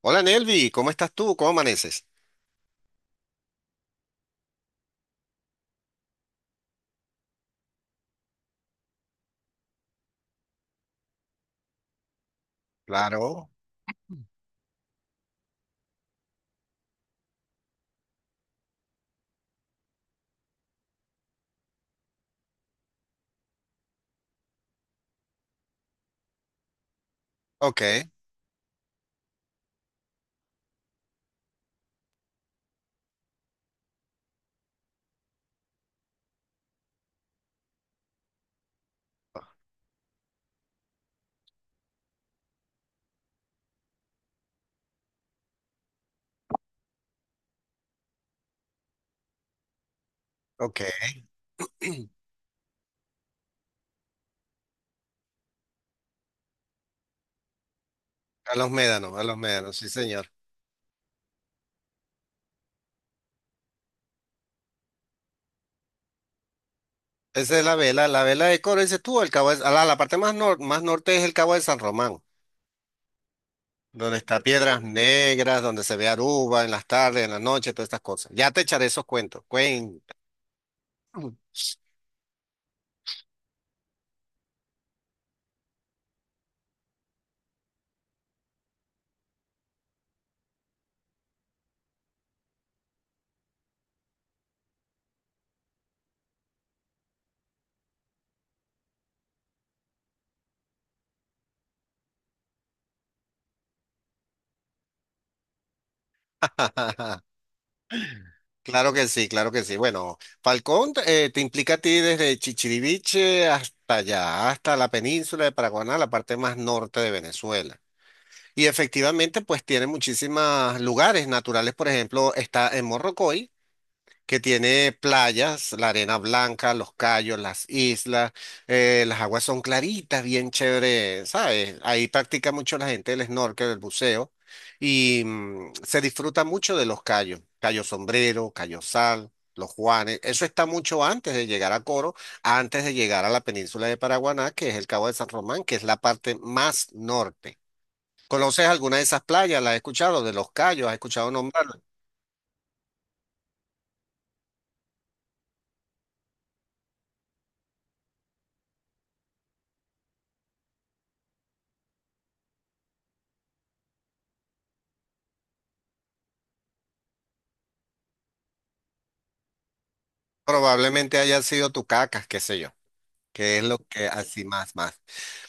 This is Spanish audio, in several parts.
Hola Nelvi, ¿cómo estás tú? ¿Cómo amaneces? Claro, ok, ok. A los médanos, sí señor. Esa es la vela de Coro, dices tú, el cabo de- a la, la parte más, nor- más norte es el Cabo de San Román, donde está Piedras Negras, donde se ve Aruba en las tardes, en la noche, todas estas cosas. Ya te echaré esos cuentos, cuenta. Claro que sí, claro que sí. Bueno, Falcón te implica a ti desde Chichiriviche hasta allá, hasta la península de Paraguaná, la parte más norte de Venezuela. Y efectivamente, pues tiene muchísimos lugares naturales. Por ejemplo, está en Morrocoy, que tiene playas, la arena blanca, los cayos, las islas, las aguas son claritas, bien chévere, ¿sabes? Ahí practica mucho la gente el snorkel, el buceo, y se disfruta mucho de los cayos, cayo sombrero, cayo sal. Los Juanes, eso está mucho antes de llegar a Coro, antes de llegar a la península de Paraguaná, que es el Cabo de San Román, que es la parte más norte. ¿Conoces alguna de esas playas? ¿Las has escuchado? De Los Cayos, ¿has escuchado nombrarlo? Probablemente hayan sido Tucacas, qué sé yo, que es lo que así más, más.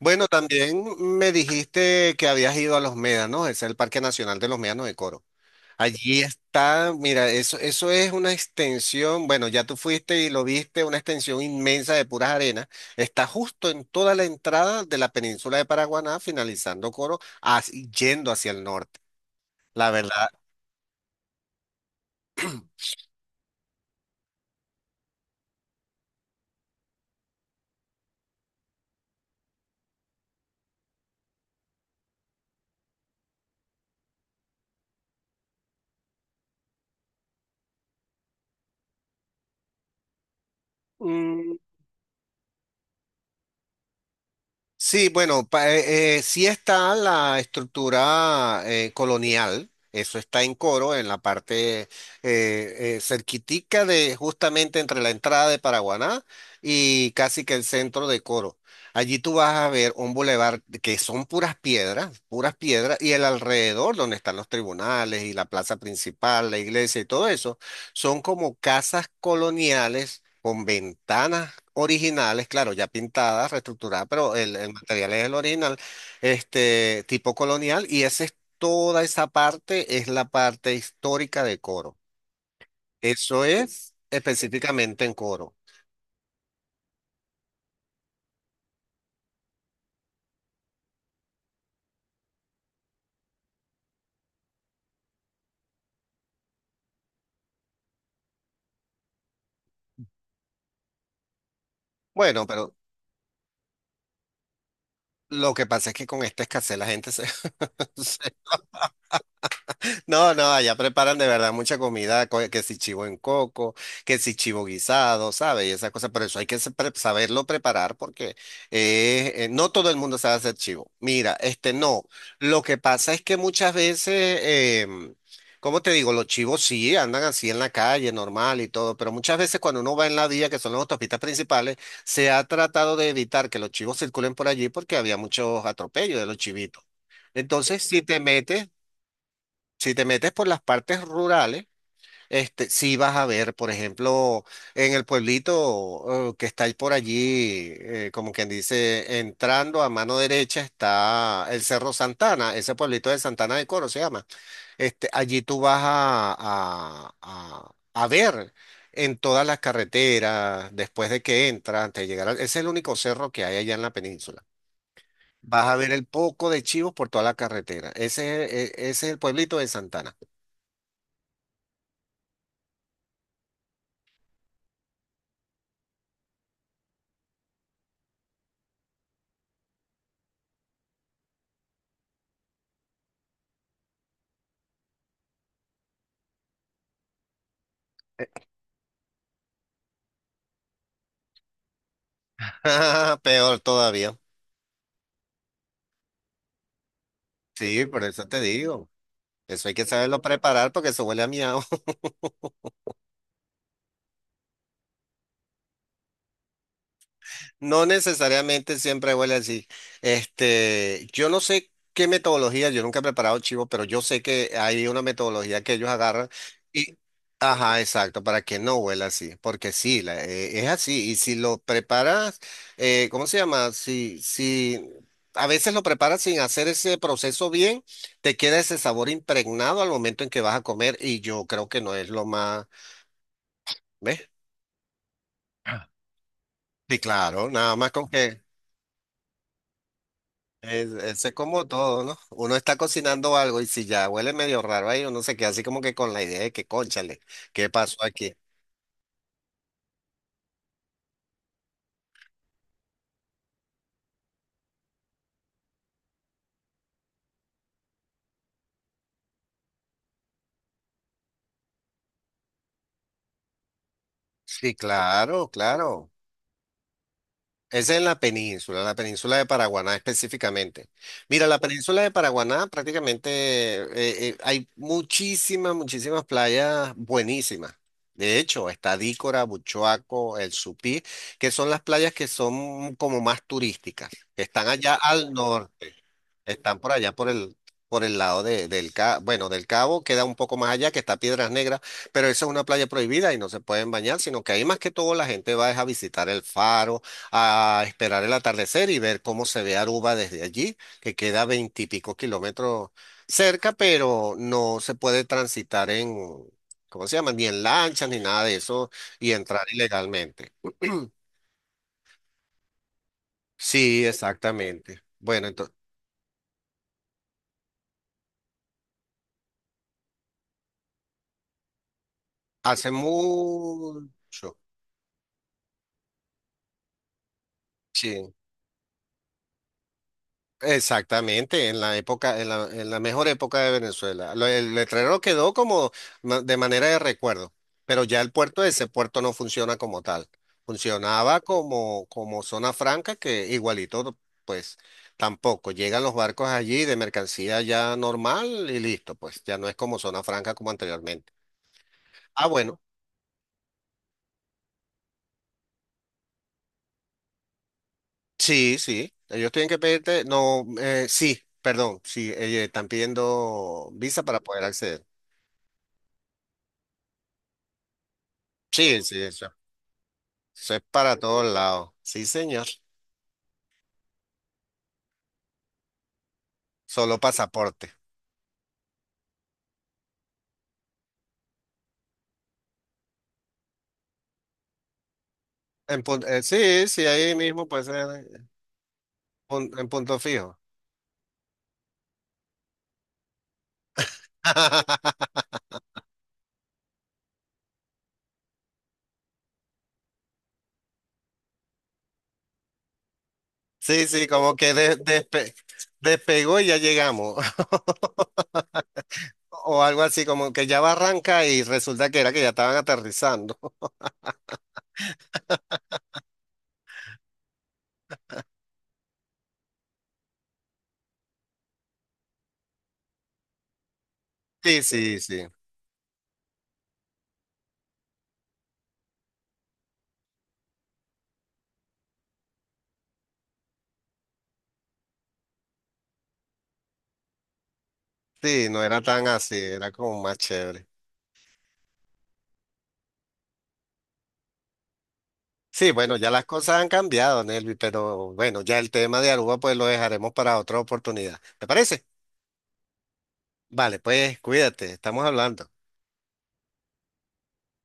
Bueno, también me dijiste que habías ido a Los Médanos, es el Parque Nacional de los Médanos de Coro. Allí está, mira, eso es una extensión, bueno, ya tú fuiste y lo viste, una extensión inmensa de puras arenas. Está justo en toda la entrada de la península de Paraguaná, finalizando Coro, as- yendo hacia el norte. La verdad. mm, Sí, bueno, pa- sí está la estructura colonial, eso está en Coro, en la parte cerquitica de justamente entre la entrada de Paraguaná y casi que el centro de Coro. Allí tú vas a ver un bulevar que son puras piedras, y el alrededor donde están los tribunales y la plaza principal, la iglesia y todo eso. Son como casas coloniales con ventanas originales, claro, ya pintadas, reestructuradas, pero el material es el original, este tipo colonial, y esa es toda esa parte, es la parte histórica de Coro. Eso es específicamente en Coro. Bueno, pero lo que pasa es que con esta escasez la gente se, se... No, no, allá preparan de verdad mucha comida, co- que si chivo en coco, que si chivo guisado, ¿sabes? Y esas cosas, pero eso hay que se- pre- saberlo preparar porque no todo el mundo sabe hacer chivo. Mira, este no, lo que pasa es que muchas veces, ¿cómo te digo? Los chivos sí andan así en la calle, normal y todo, pero muchas veces cuando uno va en la vía, que son las autopistas principales, se ha tratado de evitar que los chivos circulen por allí porque había muchos atropellos de los chivitos. Entonces, si te metes... Si te metes por las partes rurales, este, sí vas a ver, por ejemplo, en el pueblito que está ahí por allí, como quien dice, entrando a mano derecha está el Cerro Santana, ese pueblito de Santana de Coro se llama. Este, allí tú vas a ver en todas las carreteras, después de que entras, antes de llegar al- ese es el único cerro que hay allá en la península. Vas a ver el poco de chivos por toda la carretera. Ese, es- e- ese es el pueblito de Santana. Peor todavía. Sí, por eso te digo. Eso hay que saberlo preparar porque eso huele a miau. No necesariamente siempre huele así. Este, yo no sé qué metodología, yo nunca he preparado chivo, pero yo sé que hay una metodología que ellos agarran y, ajá, exacto, para que no huela así, porque sí, la- es así. Y si lo preparas, ¿cómo se llama? Si a veces lo preparas sin hacer ese proceso bien, te queda ese sabor impregnado al momento en que vas a comer y yo creo que no es lo más, ¿ves? Sí, claro, nada más con que... es como todo, ¿no? Uno está cocinando algo y si ya huele medio raro ahí, uno se queda así como que con la idea de que, cónchale, ¿qué pasó aquí? Sí, claro, claro. Es en la península de Paraguaná específicamente. Mira, la península de Paraguaná prácticamente hay muchísimas, muchísimas playas buenísimas. De hecho, está Dícora, Buchoaco, El Supí, que son las playas que son como más turísticas, que están allá al norte. Están por allá, por el lado de- del Cabo, bueno, del Cabo, queda un poco más allá, que está Piedras Negras, pero esa es una playa prohibida y no se pueden bañar, sino que ahí más que todo la gente va es a visitar el faro, a esperar el atardecer y ver cómo se ve Aruba desde allí, que queda veintipico km cerca, pero no se puede transitar en, ¿cómo se llama? Ni en lanchas ni nada de eso y entrar ilegalmente. Sí, exactamente. Bueno, entonces, hace mucho. Sí. Exactamente, en la época, en la mejor época de Venezuela. Lo- el letrero quedó como ma- de manera de recuerdo, pero ya el puerto, ese puerto no funciona como tal. Funcionaba como, como zona franca, que igualito, pues tampoco. Llegan los barcos allí de mercancía ya normal y listo, pues ya no es como zona franca como anteriormente. Ah, bueno, sí, sí, ellos tienen que pedirte, no, sí, perdón, sí, están pidiendo visa para poder acceder. Sí, sí, eso... Eso es para todos lados. Sí, señor. Solo pasaporte. En pun- sí, sí, ahí mismo pues en, pun- en punto fijo. Sí, sí, como que de- despe- despegó y ya llegamos. O algo así, como que ya va arranca y resulta que era que ya estaban aterrizando. Sí, sí, sí. Sí, no era tan así, era como más chévere. Sí, bueno, ya las cosas han cambiado, Nelvi, pero bueno, ya el tema de Aruba pues lo dejaremos para otra oportunidad. ¿Te parece? Vale, pues cuídate, estamos hablando.